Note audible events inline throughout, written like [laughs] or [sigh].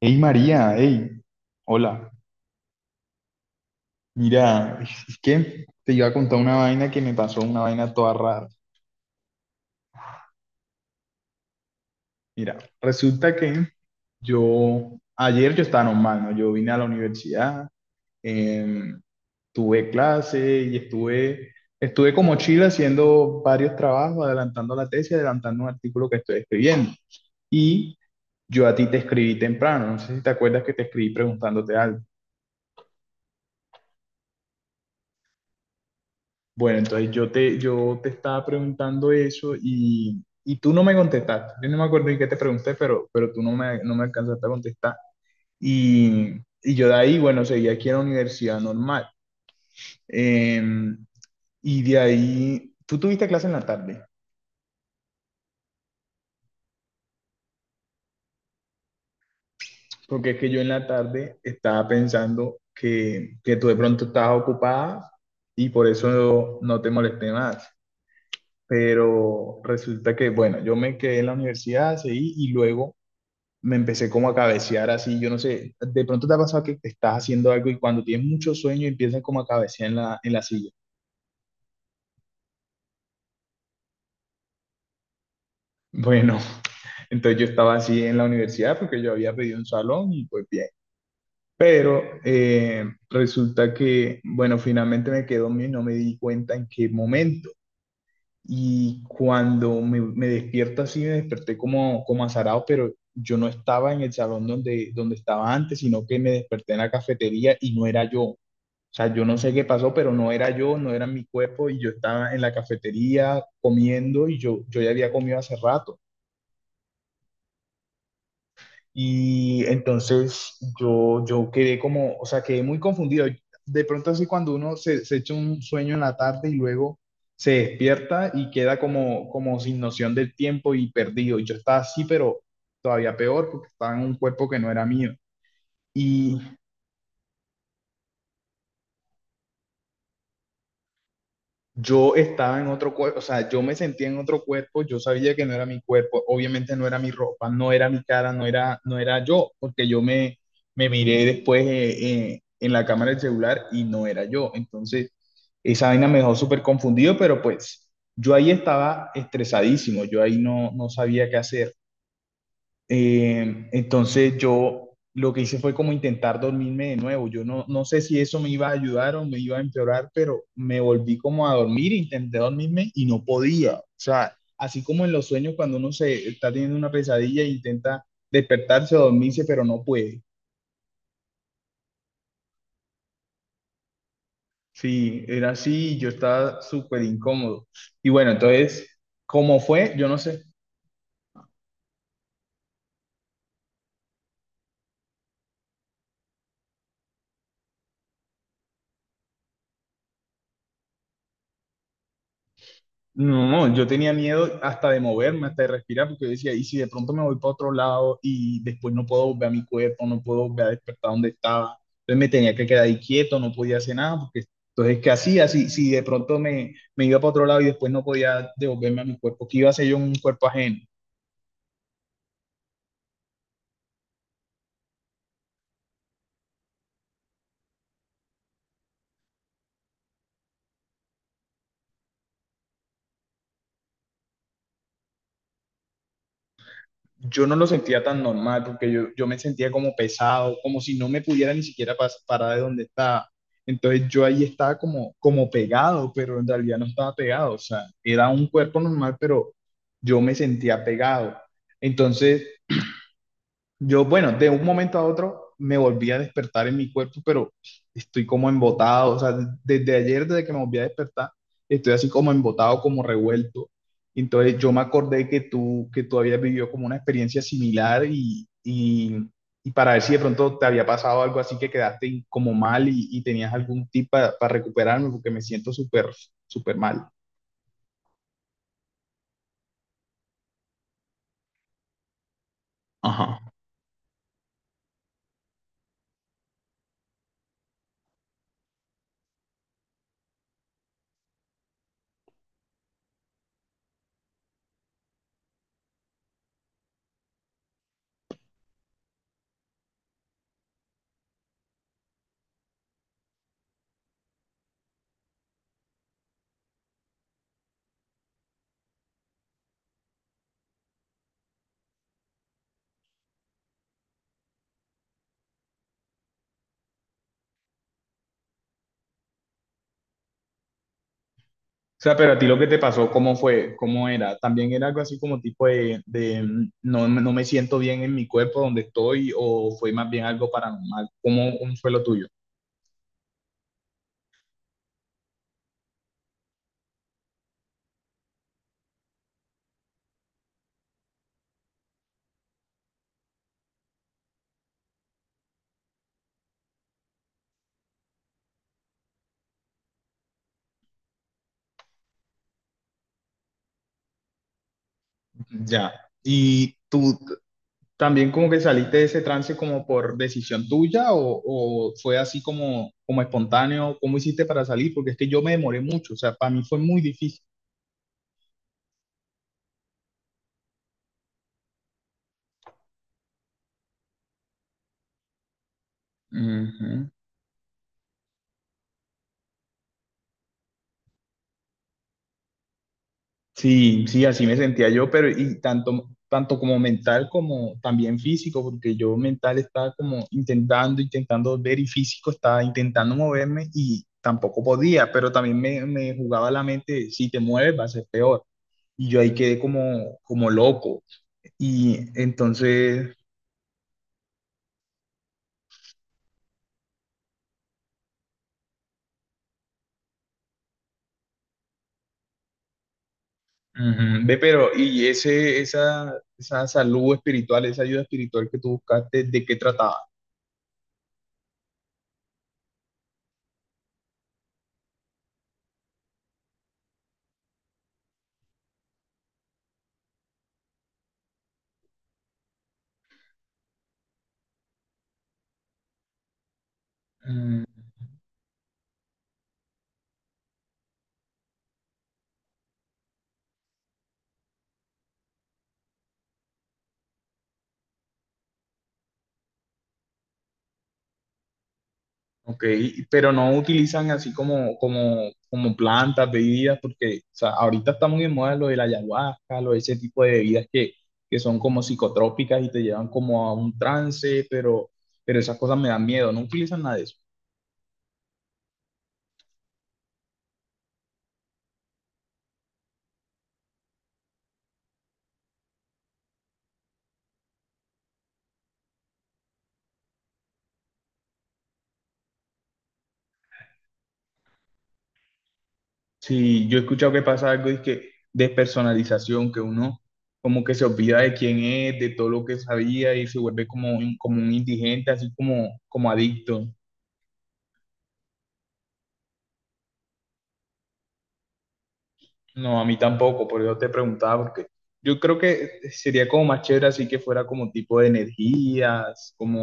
Hey María, hey, hola. Mira, es que te iba a contar una vaina que me pasó, una vaina toda rara. Mira, resulta que ayer yo estaba normal, ¿no? Yo vine a la universidad, em, tuve clase y estuve como chile haciendo varios trabajos, adelantando la tesis, adelantando un artículo que estoy escribiendo. Y yo a ti te escribí temprano, no sé si te acuerdas que te escribí preguntándote algo. Bueno, entonces yo te estaba preguntando eso y tú no me contestaste. Yo no me acuerdo en qué te pregunté, pero tú no me alcanzaste a contestar. Y, y yo de ahí, bueno, seguí aquí en la universidad normal. Eh, y de ahí, tú tuviste clase en la tarde, porque es que yo en la tarde estaba pensando que tú de pronto estabas ocupada y por eso no te molesté más. Pero resulta que, bueno, yo me quedé en la universidad, seguí y luego me empecé como a cabecear así, yo no sé, de pronto te ha pasado que te estás haciendo algo y cuando tienes mucho sueño empiezas como a cabecear en en la silla. Bueno, [laughs] entonces yo estaba así en la universidad porque yo había pedido un salón y pues bien. Pero resulta que, bueno, finalmente me quedó mío y no me di cuenta en qué momento. Y cuando me despierto así, me desperté como azarado, pero yo no estaba en el salón donde estaba antes, sino que me desperté en la cafetería y no era yo. O sea, yo no sé qué pasó, pero no era yo, no era mi cuerpo y yo estaba en la cafetería comiendo y yo ya había comido hace rato. Y entonces yo quedé como, o sea, quedé muy confundido. De pronto así cuando uno se echa un sueño en la tarde y luego se despierta y queda como sin noción del tiempo y perdido. Y yo estaba así, pero todavía peor porque estaba en un cuerpo que no era mío. Y yo estaba en otro cuerpo, o sea, yo me sentía en otro cuerpo, yo sabía que no era mi cuerpo, obviamente no era mi ropa, no era mi cara, no era yo, porque yo me miré después en la cámara del celular y no era yo. Entonces, esa vaina me dejó súper confundido, pero pues yo ahí estaba estresadísimo, yo ahí no sabía qué hacer. Entonces yo lo que hice fue como intentar dormirme de nuevo. Yo no sé si eso me iba a ayudar o me iba a empeorar, pero me volví como a dormir, intenté dormirme y no podía. O sea, así como en los sueños cuando uno se está teniendo una pesadilla e intenta despertarse o dormirse, pero no puede. Sí, era así, y yo estaba súper incómodo. Y bueno, entonces, ¿cómo fue? Yo no sé. No, no, yo tenía miedo hasta de moverme, hasta de respirar, porque yo decía, y si de pronto me voy para otro lado y después no puedo volver a mi cuerpo, no puedo volver a despertar donde estaba. Entonces me tenía que quedar ahí quieto, no podía hacer nada, porque entonces, ¿qué hacía? Si de pronto me iba para otro lado y después no podía devolverme a mi cuerpo, ¿qué iba a hacer yo en un cuerpo ajeno? Yo no lo sentía tan normal porque yo me sentía como pesado, como si no me pudiera ni siquiera parar de donde estaba. Entonces yo ahí estaba como pegado, pero en realidad no estaba pegado. O sea, era un cuerpo normal, pero yo me sentía pegado. Entonces yo, bueno, de un momento a otro me volví a despertar en mi cuerpo, pero estoy como embotado, o sea, desde ayer, desde que me volví a despertar, estoy así como embotado, como revuelto. Entonces yo me acordé que tú habías vivido como una experiencia similar y para ver si de pronto te había pasado algo así que quedaste como mal y tenías algún tip para recuperarme, porque me siento súper, súper mal. Ajá. O sea, pero a ti lo que te pasó, ¿cómo fue? ¿Cómo era? También era algo así como tipo de, no, no me siento bien en mi cuerpo donde estoy o fue más bien algo paranormal. Cómo fue lo tuyo? Ya. ¿Y tú también como que saliste de ese trance como por decisión tuya o fue así como espontáneo? ¿Cómo hiciste para salir? Porque es que yo me demoré mucho, o sea, para mí fue muy difícil. Sí, sí, así me sentía yo, pero y tanto como mental como también físico, porque yo mental estaba como intentando ver y físico estaba intentando moverme y tampoco podía, pero también me jugaba la mente, si te mueves va a ser peor. Y yo ahí quedé como loco. Y entonces, ujú, ve, pero, y esa salud espiritual, esa ayuda espiritual que tú buscaste, ¿de qué trataba? Mm, Ok, pero no utilizan así como plantas, bebidas, porque o sea, ahorita está muy en moda lo de la ayahuasca, lo de ese tipo de bebidas que son como psicotrópicas y te llevan como a un trance, pero esas cosas me dan miedo, no utilizan nada de eso. Sí, yo he escuchado que pasa algo es que despersonalización, que uno como que se olvida de quién es, de todo lo que sabía y se vuelve como un indigente, así como adicto. No, a mí tampoco, por eso te preguntaba, porque yo creo que sería como más chévere así que fuera como tipo de energías, como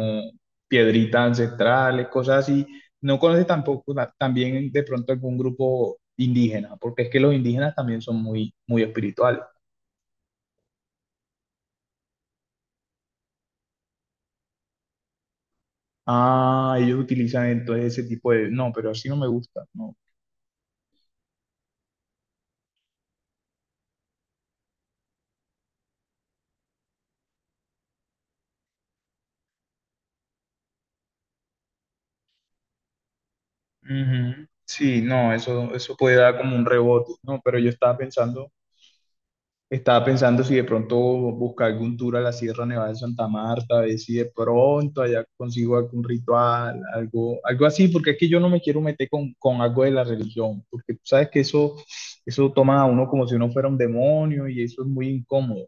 piedritas ancestrales, cosas así. No conoces tampoco también de pronto algún grupo indígena, porque es que los indígenas también son muy, muy espirituales. Ah, ellos utilizan entonces ese tipo de. No, pero así no me gusta, no. Ujú. Sí, no, eso puede dar como un rebote, ¿no? Pero yo estaba pensando, estaba pensando si de pronto buscar algún tour a la Sierra Nevada de Santa Marta, a ver si de pronto allá consigo algún ritual, algo, algo así, porque es que yo no me quiero meter con algo de la religión, porque tú sabes que eso, toma a uno como si uno fuera un demonio y eso es muy incómodo.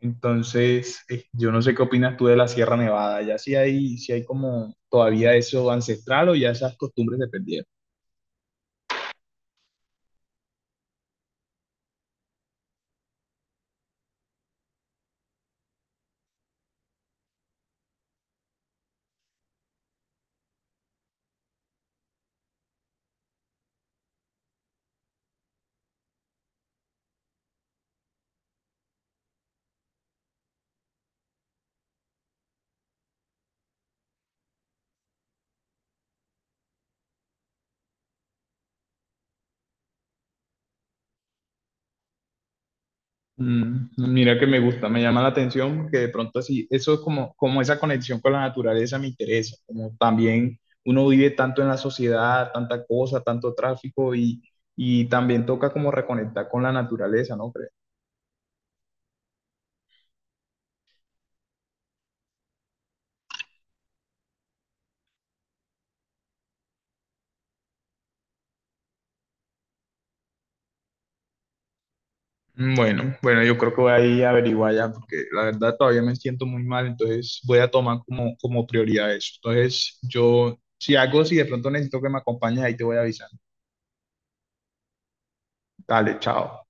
Entonces, yo no sé qué opinas tú de la Sierra Nevada, ya si hay como todavía eso ancestral o ya esas costumbres se perdieron. Mira que me gusta, me llama la atención porque de pronto así, eso es como esa conexión con la naturaleza me interesa, como también uno vive tanto en la sociedad, tanta cosa, tanto tráfico y también toca como reconectar con la naturaleza, ¿no crees? Bueno, bueno, yo creo que voy a ir a averiguar ya porque la verdad todavía me siento muy mal, entonces voy a tomar como prioridad eso. Entonces yo, si de pronto necesito que me acompañes, ahí te voy a avisar. Dale, chao.